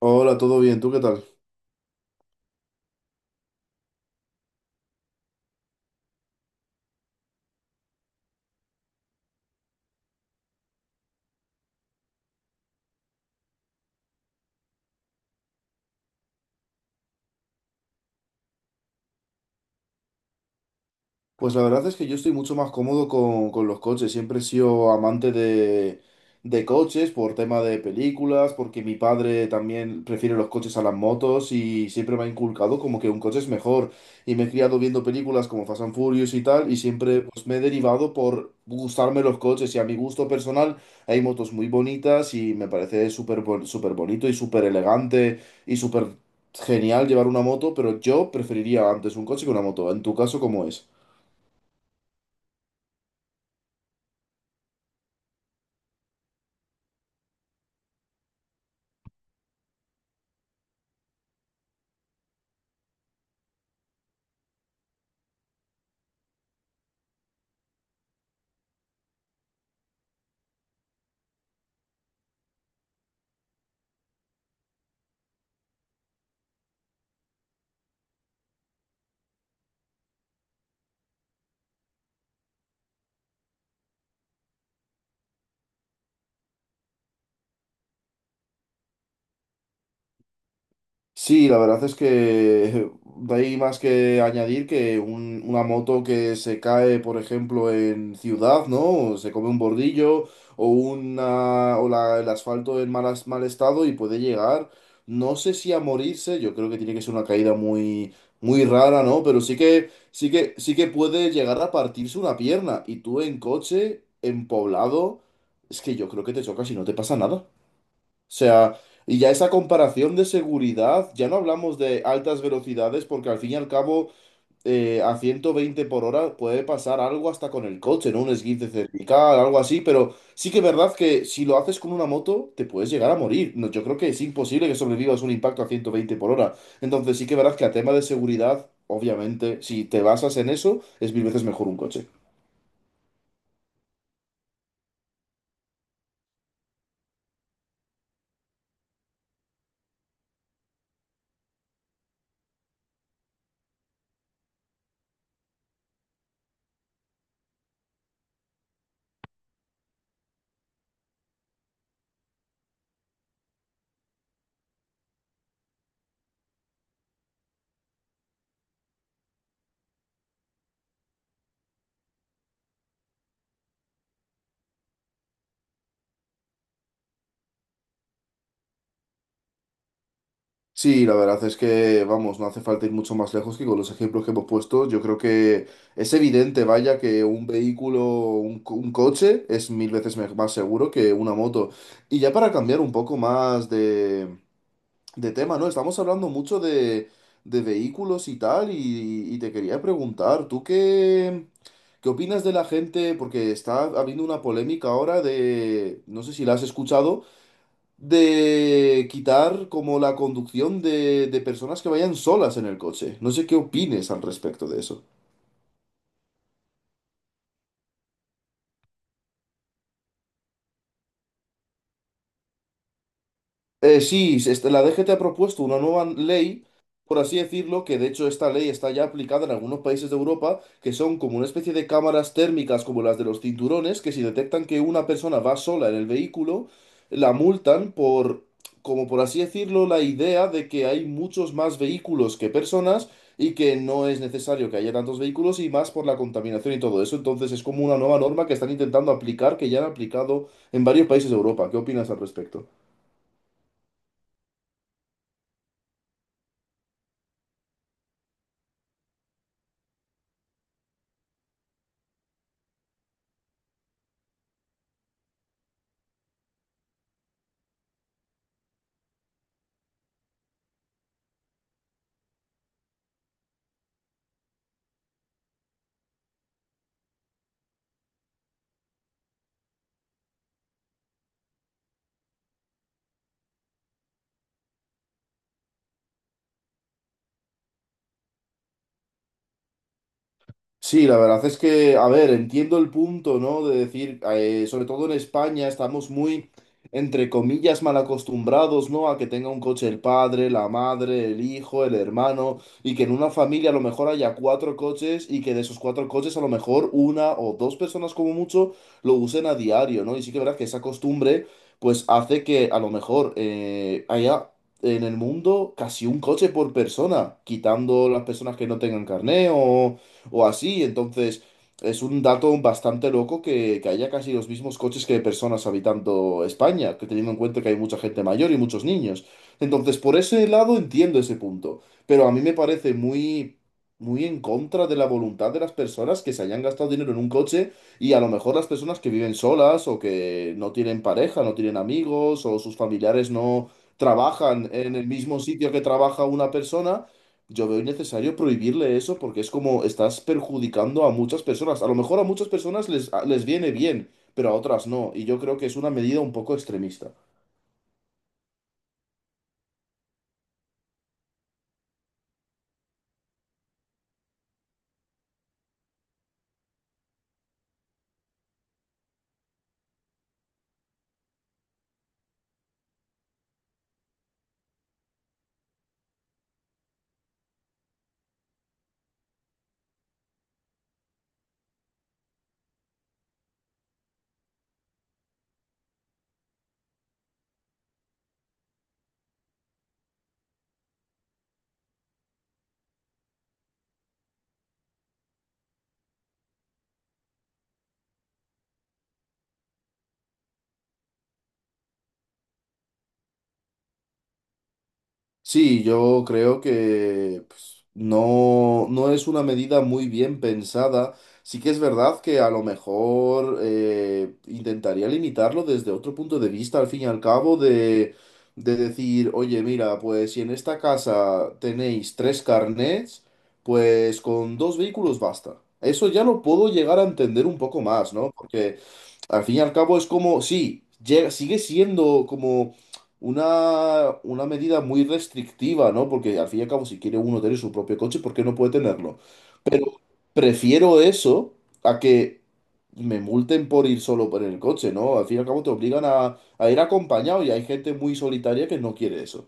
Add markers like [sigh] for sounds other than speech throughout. Hola, ¿todo bien? ¿Tú qué tal? Pues la verdad es que yo estoy mucho más cómodo con los coches. Siempre he sido amante de coches por tema de películas, porque mi padre también prefiere los coches a las motos y siempre me ha inculcado como que un coche es mejor. Y me he criado viendo películas como Fast and Furious y tal, y siempre pues, me he derivado por gustarme los coches. Y a mi gusto personal hay motos muy bonitas y me parece súper bonito y súper elegante y súper genial llevar una moto, pero yo preferiría antes un coche que una moto. En tu caso, ¿cómo es? Sí, la verdad es que [laughs] no hay más que añadir que una moto que se cae, por ejemplo, en ciudad, ¿no? O se come un bordillo o el asfalto en mal estado y puede llegar, no sé si a morirse. Yo creo que tiene que ser una caída muy, muy rara, ¿no? Pero sí que puede llegar a partirse una pierna, y tú en coche, en poblado, es que yo creo que te chocas y no te pasa nada. O sea, y ya esa comparación de seguridad, ya no hablamos de altas velocidades, porque al fin y al cabo, a 120 por hora puede pasar algo hasta con el coche, ¿no? Un esguince cervical, algo así, pero sí que es verdad que si lo haces con una moto, te puedes llegar a morir. No, yo creo que es imposible que sobrevivas un impacto a 120 por hora. Entonces sí que es verdad que a tema de seguridad, obviamente, si te basas en eso, es mil veces mejor un coche. Sí, la verdad es que, vamos, no hace falta ir mucho más lejos que con los ejemplos que hemos puesto. Yo creo que es evidente, vaya, que un vehículo, un coche es mil veces más seguro que una moto. Y ya para cambiar un poco más de tema, ¿no? Estamos hablando mucho de vehículos y tal, y te quería preguntar, ¿tú qué, qué opinas de la gente? Porque está habiendo una polémica ahora de, no sé si la has escuchado, de quitar como la conducción de personas que vayan solas en el coche. No sé qué opines al respecto de eso. La DGT ha propuesto una nueva ley, por así decirlo, que de hecho esta ley está ya aplicada en algunos países de Europa, que son como una especie de cámaras térmicas como las de los cinturones, que si detectan que una persona va sola en el vehículo, la multan por, como por así decirlo, la idea de que hay muchos más vehículos que personas y que no es necesario que haya tantos vehículos, y más por la contaminación y todo eso. Entonces es como una nueva norma que están intentando aplicar, que ya han aplicado en varios países de Europa. ¿Qué opinas al respecto? Sí, la verdad es que, a ver, entiendo el punto, ¿no? De decir, sobre todo en España, estamos muy, entre comillas, mal acostumbrados, ¿no? A que tenga un coche el padre, la madre, el hijo, el hermano, y que en una familia a lo mejor haya cuatro coches y que de esos cuatro coches a lo mejor una o dos personas como mucho lo usen a diario, ¿no? Y sí que es verdad que esa costumbre pues hace que a lo mejor haya... En el mundo, casi un coche por persona, quitando las personas que no tengan carné o así. Entonces, es un dato bastante loco que haya casi los mismos coches que personas habitando España, que teniendo en cuenta que hay mucha gente mayor y muchos niños. Entonces, por ese lado entiendo ese punto, pero a mí me parece muy... muy en contra de la voluntad de las personas que se hayan gastado dinero en un coche, y a lo mejor las personas que viven solas o que no tienen pareja, no tienen amigos o sus familiares no trabajan en el mismo sitio que trabaja una persona, yo veo innecesario prohibirle eso porque es como estás perjudicando a muchas personas. A lo mejor a muchas personas les viene bien, pero a otras no. Y yo creo que es una medida un poco extremista. Sí, yo creo que pues, no, no es una medida muy bien pensada. Sí que es verdad que a lo mejor intentaría limitarlo desde otro punto de vista, al fin y al cabo, de decir, oye, mira, pues si en esta casa tenéis tres carnets, pues con dos vehículos basta. Eso ya lo puedo llegar a entender un poco más, ¿no? Porque al fin y al cabo es como, sí, sigue siendo como una medida muy restrictiva, ¿no? Porque al fin y al cabo, si quiere uno tener su propio coche, ¿por qué no puede tenerlo? Prefiero eso a que me multen por ir solo por el coche, ¿no? Al fin y al cabo te obligan a ir acompañado y hay gente muy solitaria que no quiere eso.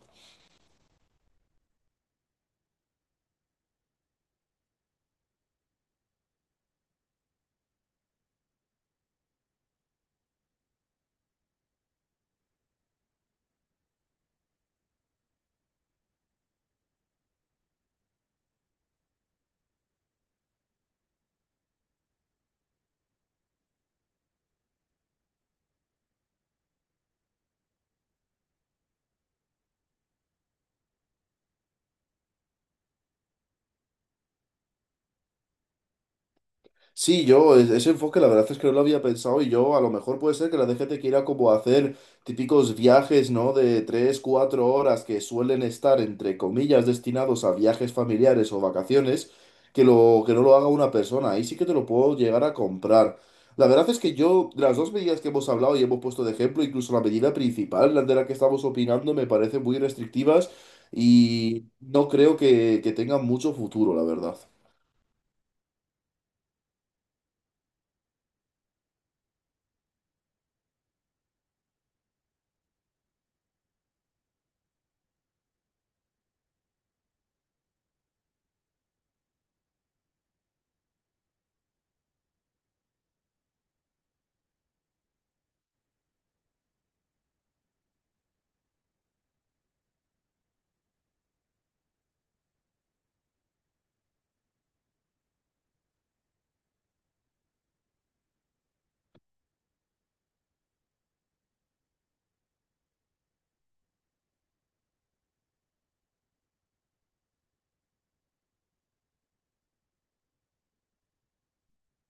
Sí, ese enfoque la verdad es que no lo había pensado, y yo a lo mejor puede ser que la DGT quiera como hacer típicos viajes, ¿no? De 3, 4 horas que suelen estar, entre comillas, destinados a viajes familiares o vacaciones, que, lo, que no lo haga una persona. Ahí sí que te lo puedo llegar a comprar. La verdad es que yo, de las dos medidas que hemos hablado y hemos puesto de ejemplo, incluso la medida principal, la de la que estamos opinando, me parece muy restrictivas y no creo que tengan mucho futuro, la verdad.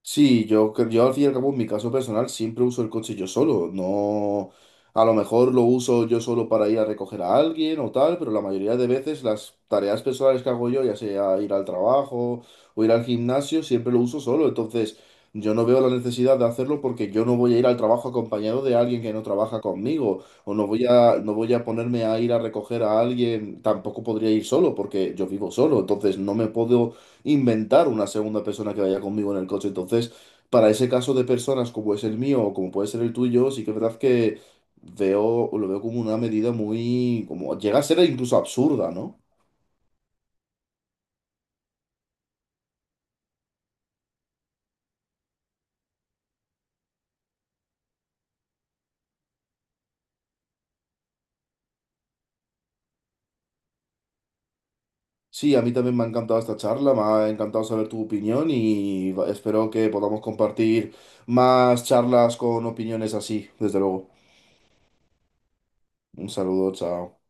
Sí, yo al fin y al cabo, en mi caso personal, siempre uso el coche yo solo. No, a lo mejor lo uso yo solo para ir a recoger a alguien o tal, pero la mayoría de veces las tareas personales que hago yo, ya sea ir al trabajo o ir al gimnasio, siempre lo uso solo. Entonces, yo no veo la necesidad de hacerlo porque yo no voy a ir al trabajo acompañado de alguien que no trabaja conmigo o no voy a ponerme a ir a recoger a alguien. Tampoco podría ir solo porque yo vivo solo. Entonces, no me puedo inventar una segunda persona que vaya conmigo en el coche. Entonces, para ese caso de personas como es el mío o como puede ser el tuyo, sí que es verdad que veo, lo veo como una medida muy, como llega a ser incluso absurda, ¿no? Sí, a mí también me ha encantado esta charla, me ha encantado saber tu opinión y espero que podamos compartir más charlas con opiniones así, desde luego. Un saludo, chao.